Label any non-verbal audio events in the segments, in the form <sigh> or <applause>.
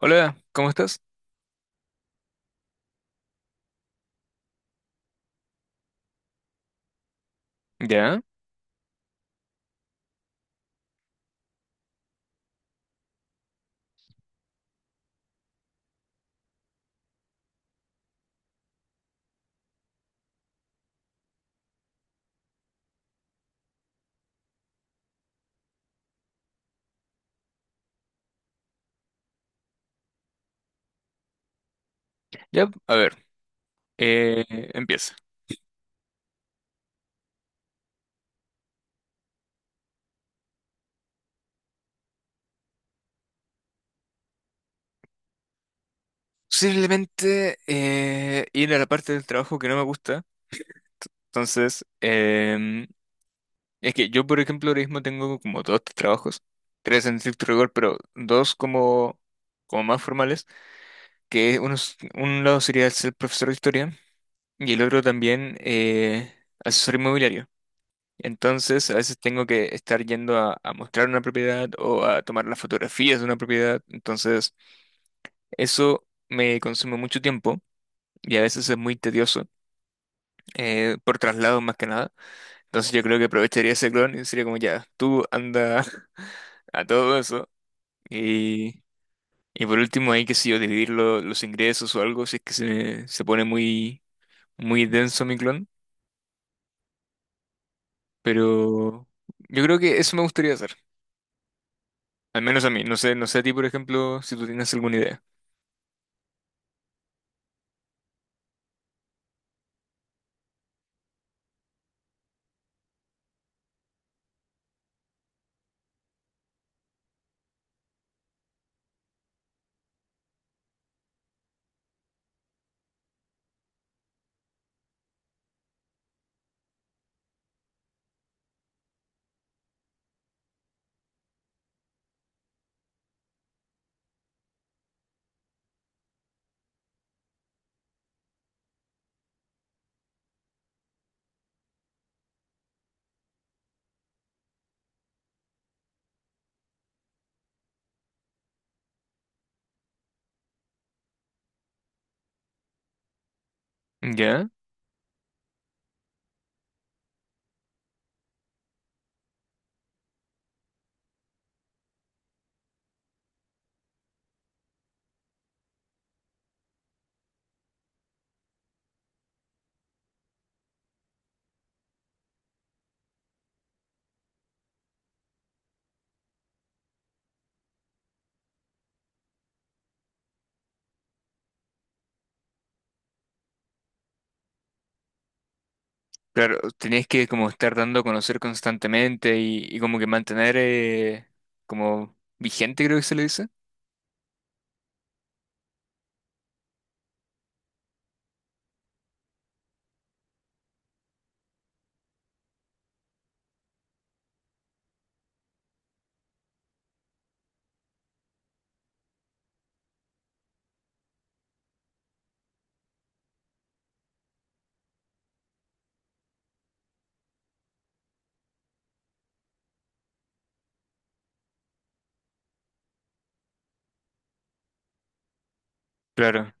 Hola, ¿cómo estás? Ya, ya, a ver, eh, empieza. Simplemente ir a la parte del trabajo que no me gusta. Entonces, es que yo, por ejemplo, ahora mismo tengo como dos trabajos, tres en estricto rigor, pero dos como, como más formales, que uno, un lado sería ser profesor de historia y el otro también asesor inmobiliario. Entonces, a veces tengo que estar yendo a mostrar una propiedad o a tomar las fotografías de una propiedad. Entonces, eso me consume mucho tiempo y a veces es muy tedioso, por traslado más que nada. Entonces yo creo que aprovecharía ese clon y sería como ya, tú anda <laughs> a todo eso. Y, y por último hay que si yo dividir los ingresos o algo si es que se pone muy, muy denso mi clon. Pero yo creo que eso me gustaría hacer. Al menos a mí. No sé a ti, por ejemplo, si tú tienes alguna idea. ¿Ya? Claro, tenías que como estar dando a conocer constantemente y como que mantener, como vigente, creo que se le dice. Claro.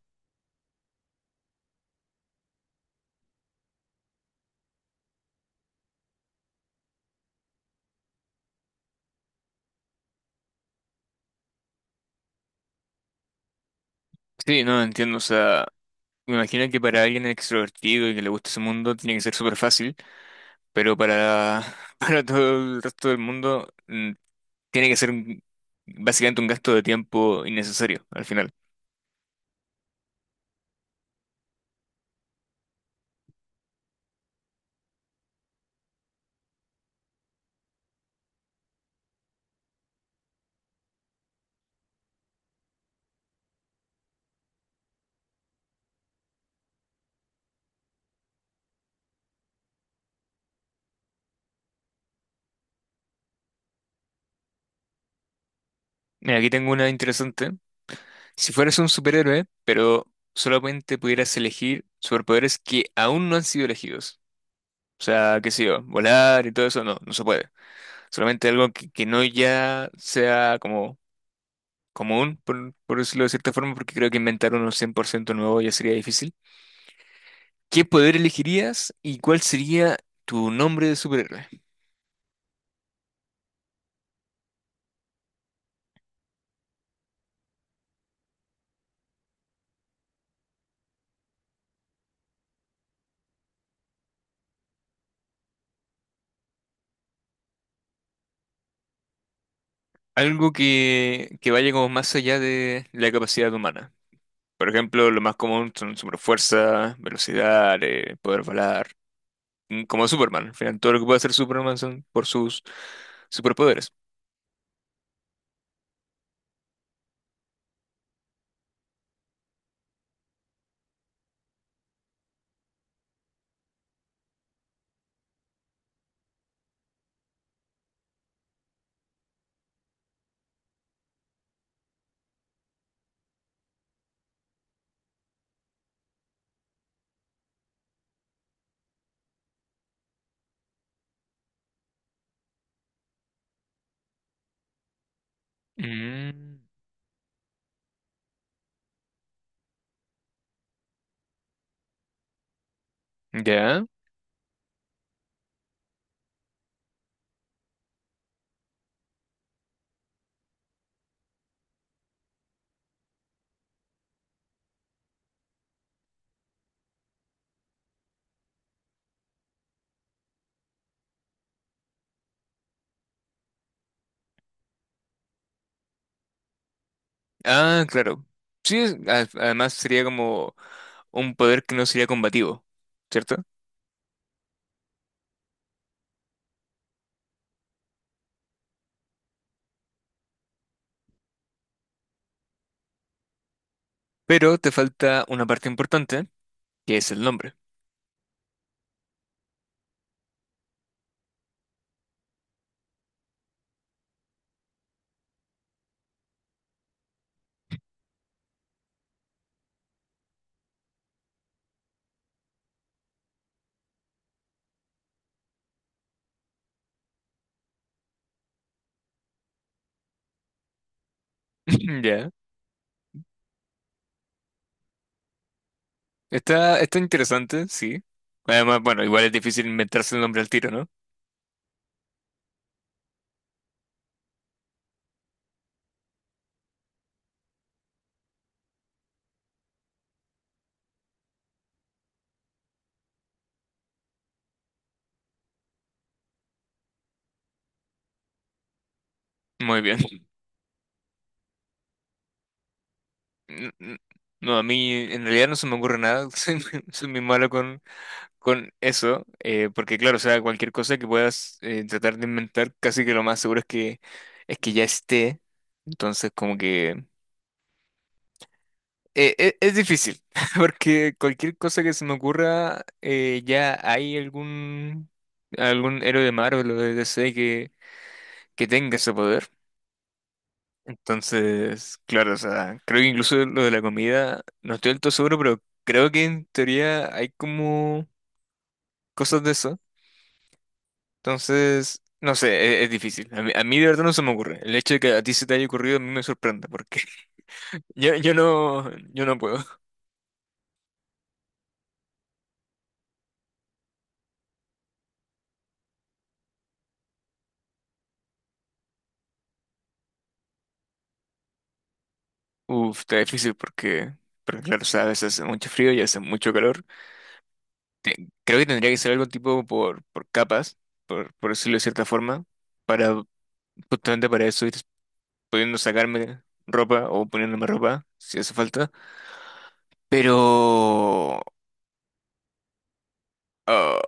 Sí, no, entiendo. O sea, me imagino que para alguien extrovertido y que le guste ese mundo tiene que ser súper fácil, pero para, <laughs> para todo el resto del mundo tiene que ser básicamente un gasto de tiempo innecesario al final. Mira, aquí tengo una interesante. Si fueras un superhéroe, pero solamente pudieras elegir superpoderes que aún no han sido elegidos. O sea, qué sé yo, volar y todo eso no, no se puede. Solamente algo que no ya sea como común, por decirlo de cierta forma, porque creo que inventar uno 100% nuevo ya sería difícil. ¿Qué poder elegirías y cuál sería tu nombre de superhéroe? Algo que vaya como más allá de la capacidad humana. Por ejemplo, lo más común son superfuerza, velocidad, poder volar, mm, como Superman. Al final, todo lo que puede hacer Superman son por sus superpoderes. Mm, ya. Ah, claro. Sí, además sería como un poder que no sería combativo, ¿cierto? Pero te falta una parte importante, que es el nombre. <laughs> Ya. Está, está interesante, sí. Además, bueno, igual es difícil inventarse el nombre al tiro, ¿no? Muy bien. N- n- No, a mí en realidad no se me ocurre nada. <laughs> Soy muy malo con eso. Porque claro, o sea, cualquier cosa que puedas, tratar de inventar, casi que lo más seguro es es que ya esté. Entonces, como que... es difícil, <laughs> porque cualquier cosa que se me ocurra, ya hay algún héroe de Marvel o de DC que tenga ese poder. Entonces, claro, o sea, creo que incluso lo de la comida, no estoy del todo seguro, pero creo que en teoría hay como cosas de eso. Entonces, no sé, es difícil. A mí de verdad no se me ocurre. El hecho de que a ti se te haya ocurrido a mí me sorprende, porque <laughs> yo no puedo. Uf, está difícil porque, porque claro, o sea, <laughs> a veces hace mucho frío y hace mucho calor. Creo que tendría que ser algo tipo por capas, por decirlo de cierta forma, para justamente para eso ir pudiendo sacarme ropa o poniéndome ropa si hace falta. Pero... ah,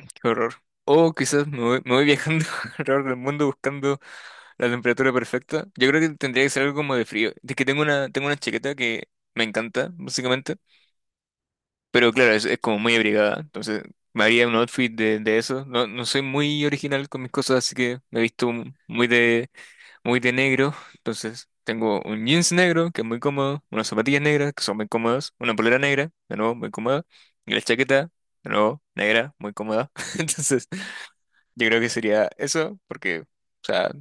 qué horror. O quizás me voy viajando <laughs> alrededor del mundo buscando la temperatura perfecta. Yo creo que tendría que ser algo como de frío, de que tengo una chaqueta que me encanta, básicamente. Pero claro, es como muy abrigada. Entonces, me haría un outfit de eso. No, no soy muy original con mis cosas, así que me he visto muy de negro. Entonces, tengo un jeans negro, que es muy cómodo, unas zapatillas negras, que son muy cómodas, una polera negra, de nuevo, muy cómoda, y la chaqueta, de nuevo, negra, muy cómoda. <laughs> Entonces, yo creo que sería eso, porque, o sea,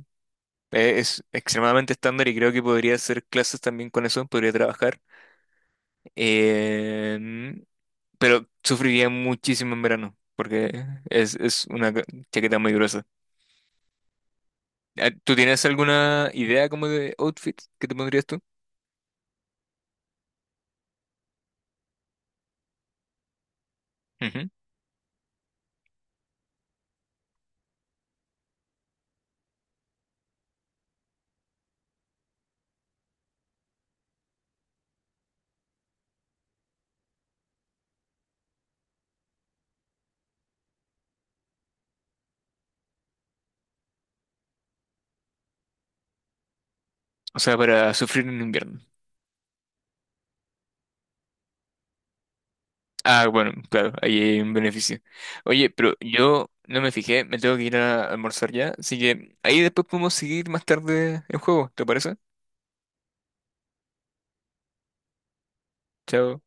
es extremadamente estándar y creo que podría hacer clases también con eso, podría trabajar. Em, pero sufriría muchísimo en verano, porque es una chaqueta muy gruesa. Ah, ¿tú tienes alguna idea como de outfit que te pondrías tú? Ujú. O sea, para sufrir en invierno. Ah, bueno, claro, ahí hay un beneficio. Oye, pero yo no me fijé, me tengo que ir a almorzar ya, así que ahí después podemos seguir más tarde el juego, ¿te parece? Chao.